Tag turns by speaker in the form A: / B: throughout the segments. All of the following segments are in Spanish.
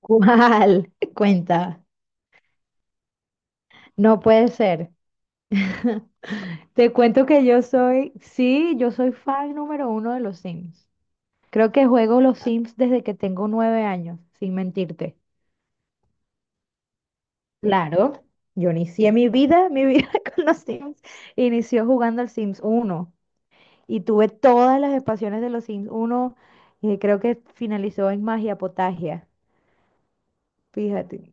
A: ¿Cuál? Cuenta. No puede ser. Te cuento que yo soy, sí, yo soy fan número uno de los Sims. Creo que juego los Sims desde que tengo 9 años, sin mentirte. Claro, yo inicié mi vida con los Sims. Inició jugando al Sims uno y tuve todas las expansiones de los Sims uno. Y creo que finalizó en Magia Potagia, fíjate.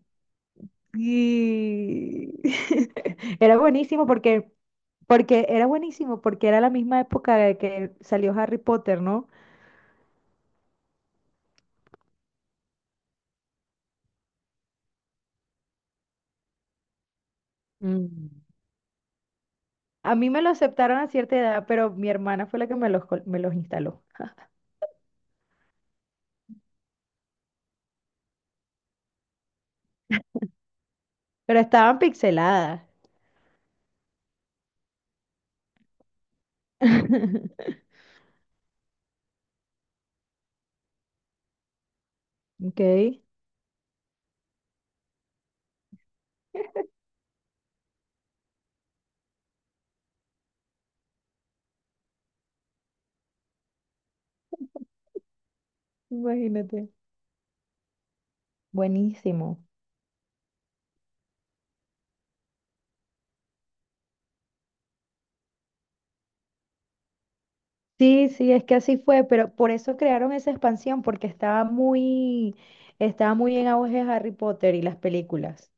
A: Y... Era buenísimo porque Porque era buenísimo, porque era la misma época de que salió Harry Potter, ¿no? Mm. A mí me lo aceptaron a cierta edad, pero mi hermana fue la que me los instaló. Pero estaban pixeladas. Ok, imagínate. Buenísimo. Sí, sí, es que así fue, pero por eso crearon esa expansión, porque estaba muy en auge Harry Potter y las películas.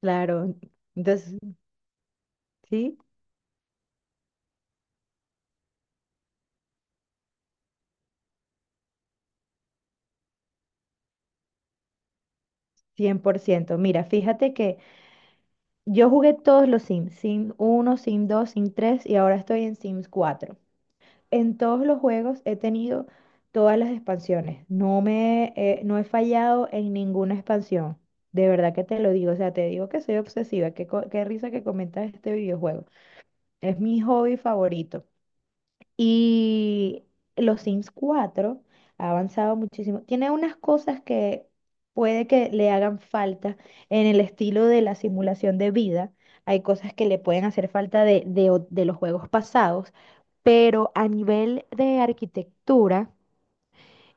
A: Claro. Entonces, sí, 100%. Mira, fíjate que yo jugué todos los Sims, Sim uno, Sim 2, Sim 3 y ahora estoy en Sims 4. En todos los juegos he tenido todas las expansiones. No he fallado en ninguna expansión. De verdad que te lo digo, o sea, te digo que soy obsesiva, qué risa que comentas este videojuego. Es mi hobby favorito. Y los Sims 4 ha avanzado muchísimo. Tiene unas cosas que puede que le hagan falta en el estilo de la simulación de vida. Hay cosas que le pueden hacer falta de los juegos pasados, pero a nivel de arquitectura.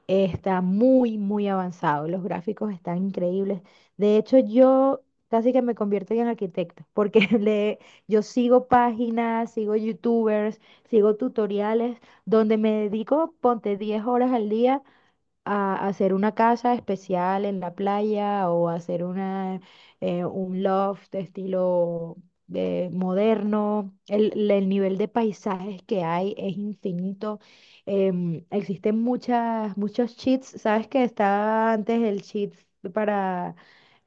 A: Está muy, muy avanzado. Los gráficos están increíbles. De hecho, yo casi que me convierto en arquitecta, porque yo sigo páginas, sigo youtubers, sigo tutoriales, donde me dedico, ponte 10 horas al día a hacer una casa especial en la playa o hacer un loft de estilo de moderno. El nivel de paisajes que hay es infinito. Existen muchos cheats. ¿Sabes que estaba antes el cheat para,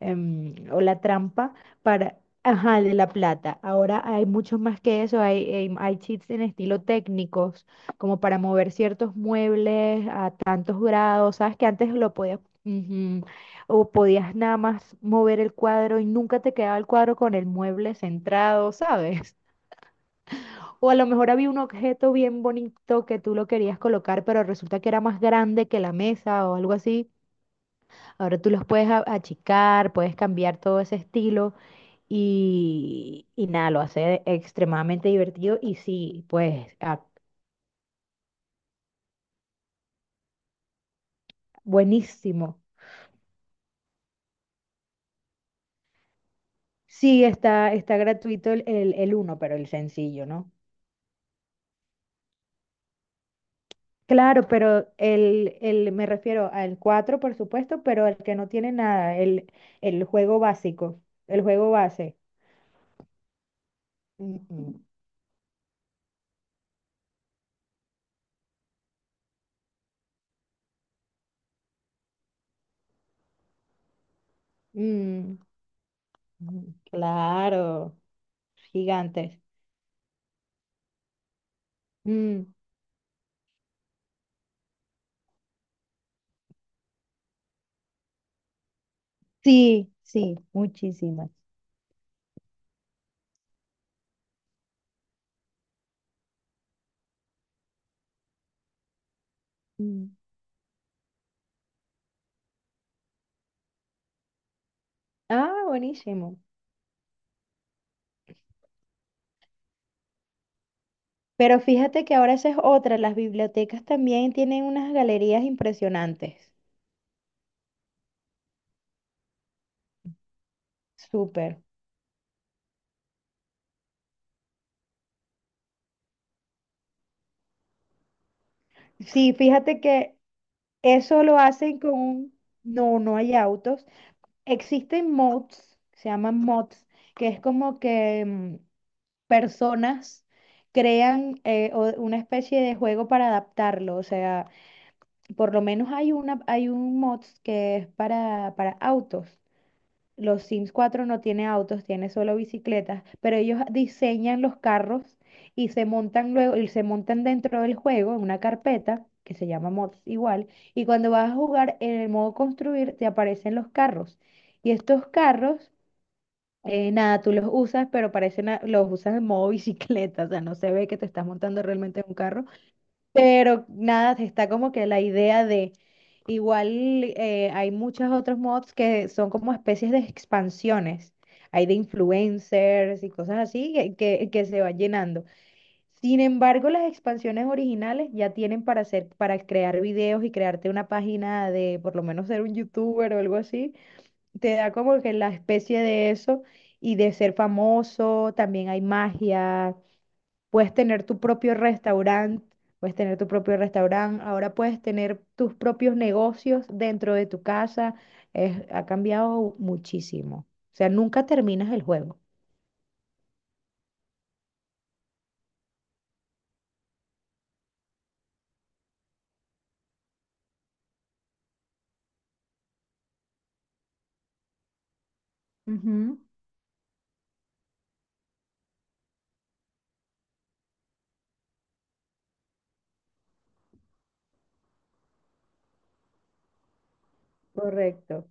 A: o la trampa para... Ajá, el de la plata? Ahora hay muchos más que eso. Hay cheats en estilo técnicos como para mover ciertos muebles a tantos grados, sabes que antes lo podías, ujú, o podías nada más mover el cuadro y nunca te quedaba el cuadro con el mueble centrado, ¿sabes? O a lo mejor había un objeto bien bonito que tú lo querías colocar, pero resulta que era más grande que la mesa o algo así. Ahora tú los puedes achicar, puedes cambiar todo ese estilo y nada, lo hace extremadamente divertido y sí, pues buenísimo. Sí, está gratuito el uno, pero el sencillo, ¿no? Claro, pero me refiero al 4, por supuesto, pero el que no tiene nada, el juego básico, el juego base. Mm, mm, mm, claro, gigantes. Mm, sí, sí, muchísimas. Mm. Ah, buenísimo. Pero fíjate que ahora esa es otra, las bibliotecas también tienen unas galerías impresionantes. Súper. Sí, fíjate que eso lo hacen no, no hay autos. Existen mods, se llaman mods, que es como que personas crean una especie de juego para adaptarlo. O sea, por lo menos hay un mods que es para autos. Los Sims 4 no tiene autos, tiene solo bicicletas, pero ellos diseñan los carros y se montan luego y se montan dentro del juego en una carpeta que se llama mods igual, y cuando vas a jugar en el modo construir te aparecen los carros. Y estos carros nada, tú los usas, pero parecen los usas en modo bicicleta, o sea, no se ve que te estás montando realmente en un carro, pero nada, está como que la idea de, igual hay muchos otros mods que son como especies de expansiones, hay de influencers y cosas así que se van llenando. Sin embargo, las expansiones originales ya tienen para hacer, para crear videos y crearte una página de por lo menos ser un youtuber o algo así. Te da como que la especie de eso y de ser famoso, también hay magia. Puedes tener tu propio restaurante, puedes tener tu propio restaurante, ahora puedes tener tus propios negocios dentro de tu casa. Ha cambiado muchísimo. O sea, nunca terminas el juego. Ujú. Correcto.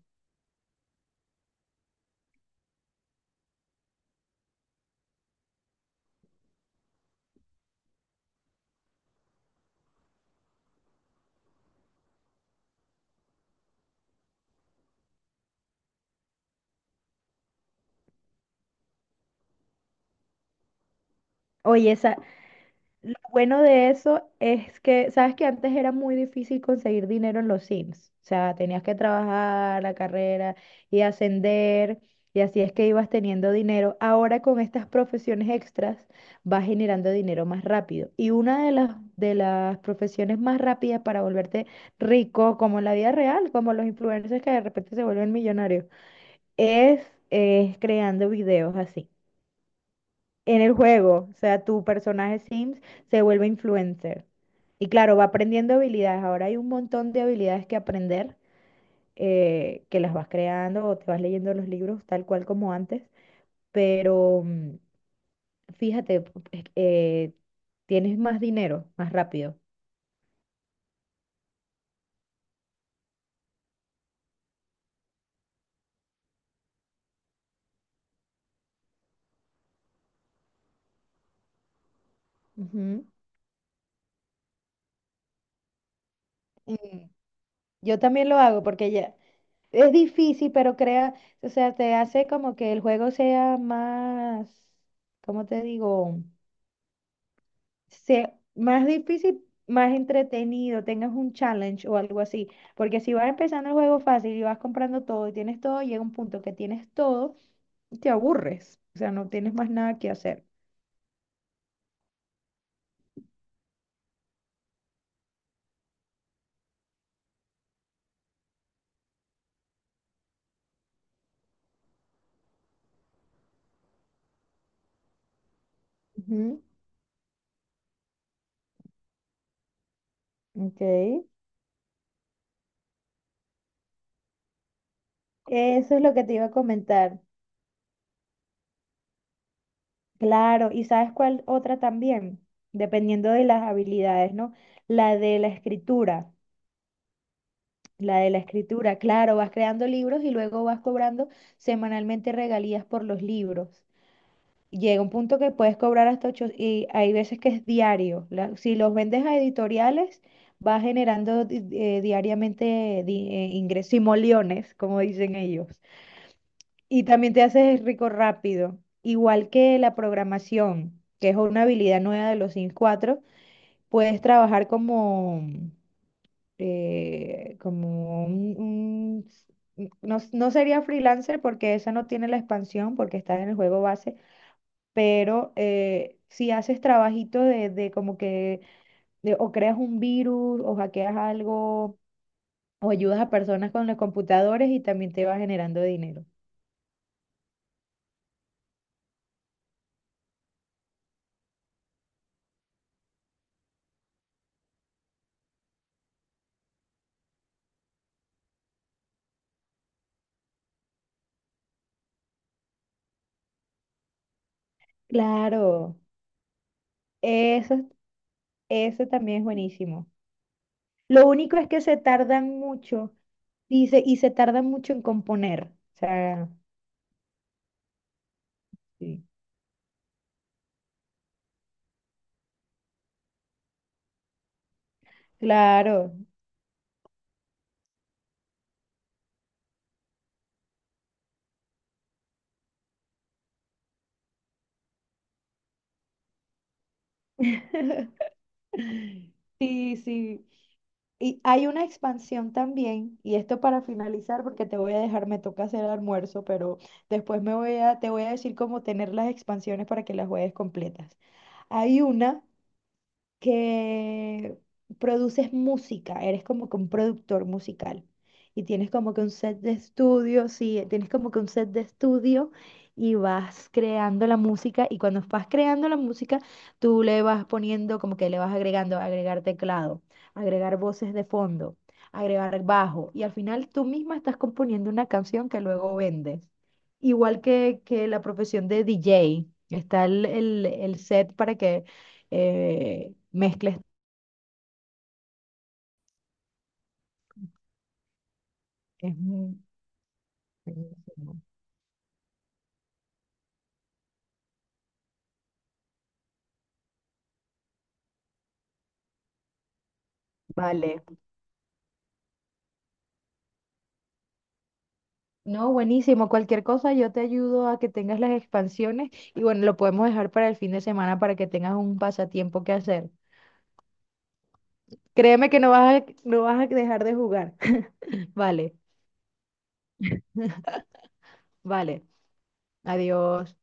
A: Oye, lo bueno de eso es que, sabes que antes era muy difícil conseguir dinero en los Sims. O sea, tenías que trabajar la carrera y ascender, y así es que ibas teniendo dinero. Ahora con estas profesiones extras vas generando dinero más rápido. Y una de las profesiones más rápidas para volverte rico, como en la vida real, como los influencers que de repente se vuelven millonarios, es, es creando videos así en el juego. O sea, tu personaje Sims se vuelve influencer. Y claro, va aprendiendo habilidades. Ahora hay un montón de habilidades que aprender, que las vas creando o te vas leyendo los libros tal cual como antes. Pero fíjate, tienes más dinero, más rápido. Ujú. Mm, Yo también lo hago porque ya es difícil, pero crea, o sea, te hace como que el juego sea más, ¿cómo te digo? Sea más difícil, más entretenido, tengas un challenge o algo así. Porque si vas empezando el juego fácil y vas comprando todo y tienes todo, llega un punto que tienes todo y te aburres. O sea, no tienes más nada que hacer. Ujú. Ok, eso es lo que te iba a comentar. Claro, ¿y sabes cuál otra también? Dependiendo de las habilidades, ¿no? La de la escritura. La de la escritura, claro, vas creando libros y luego vas cobrando semanalmente regalías por los libros. Llega un punto que puedes cobrar hasta 8 y hay veces que es diario. Si los vendes a editoriales, va generando diariamente ingresos y moliones, como dicen ellos. Y también te haces rico rápido. Igual que la programación, que es una habilidad nueva de los Sims 4, puedes trabajar como, como no, no sería freelancer porque esa no tiene la expansión, porque está en el juego base, pero si haces trabajito de como que, de- o creas un virus, o hackeas algo, o ayudas a personas con los computadores y también te va generando dinero. Claro, eso, es- eso también es buenísimo. Lo único es que se tardan mucho y se tardan mucho en componer. O sea, sí. Claro. Sí, sí. Y hay una expansión también, y esto para finalizar, porque te voy a dejar, me toca hacer almuerzo, pero después me voy a, te voy a decir cómo tener las expansiones para que las juegues completas. Hay una que produces música, eres como que un productor musical y tienes como que un set de estudio, sí, tienes como que un set de estudio y vas creando la música y cuando vas creando la música, tú le vas poniendo como que le vas agregando, agregar teclado, agregar voces de fondo, agregar bajo y al final tú misma estás componiendo una canción que luego vendes. Igual que la profesión de DJ, está el set para que mezcles. Es muy buenísimo. Vale. No, buenísimo. Cualquier cosa, yo te ayudo a que tengas las expansiones y bueno, lo podemos dejar para el fin de semana para que tengas un pasatiempo que hacer. Créeme que no vas a, no vas a dejar de jugar. Vale, vale. Adiós.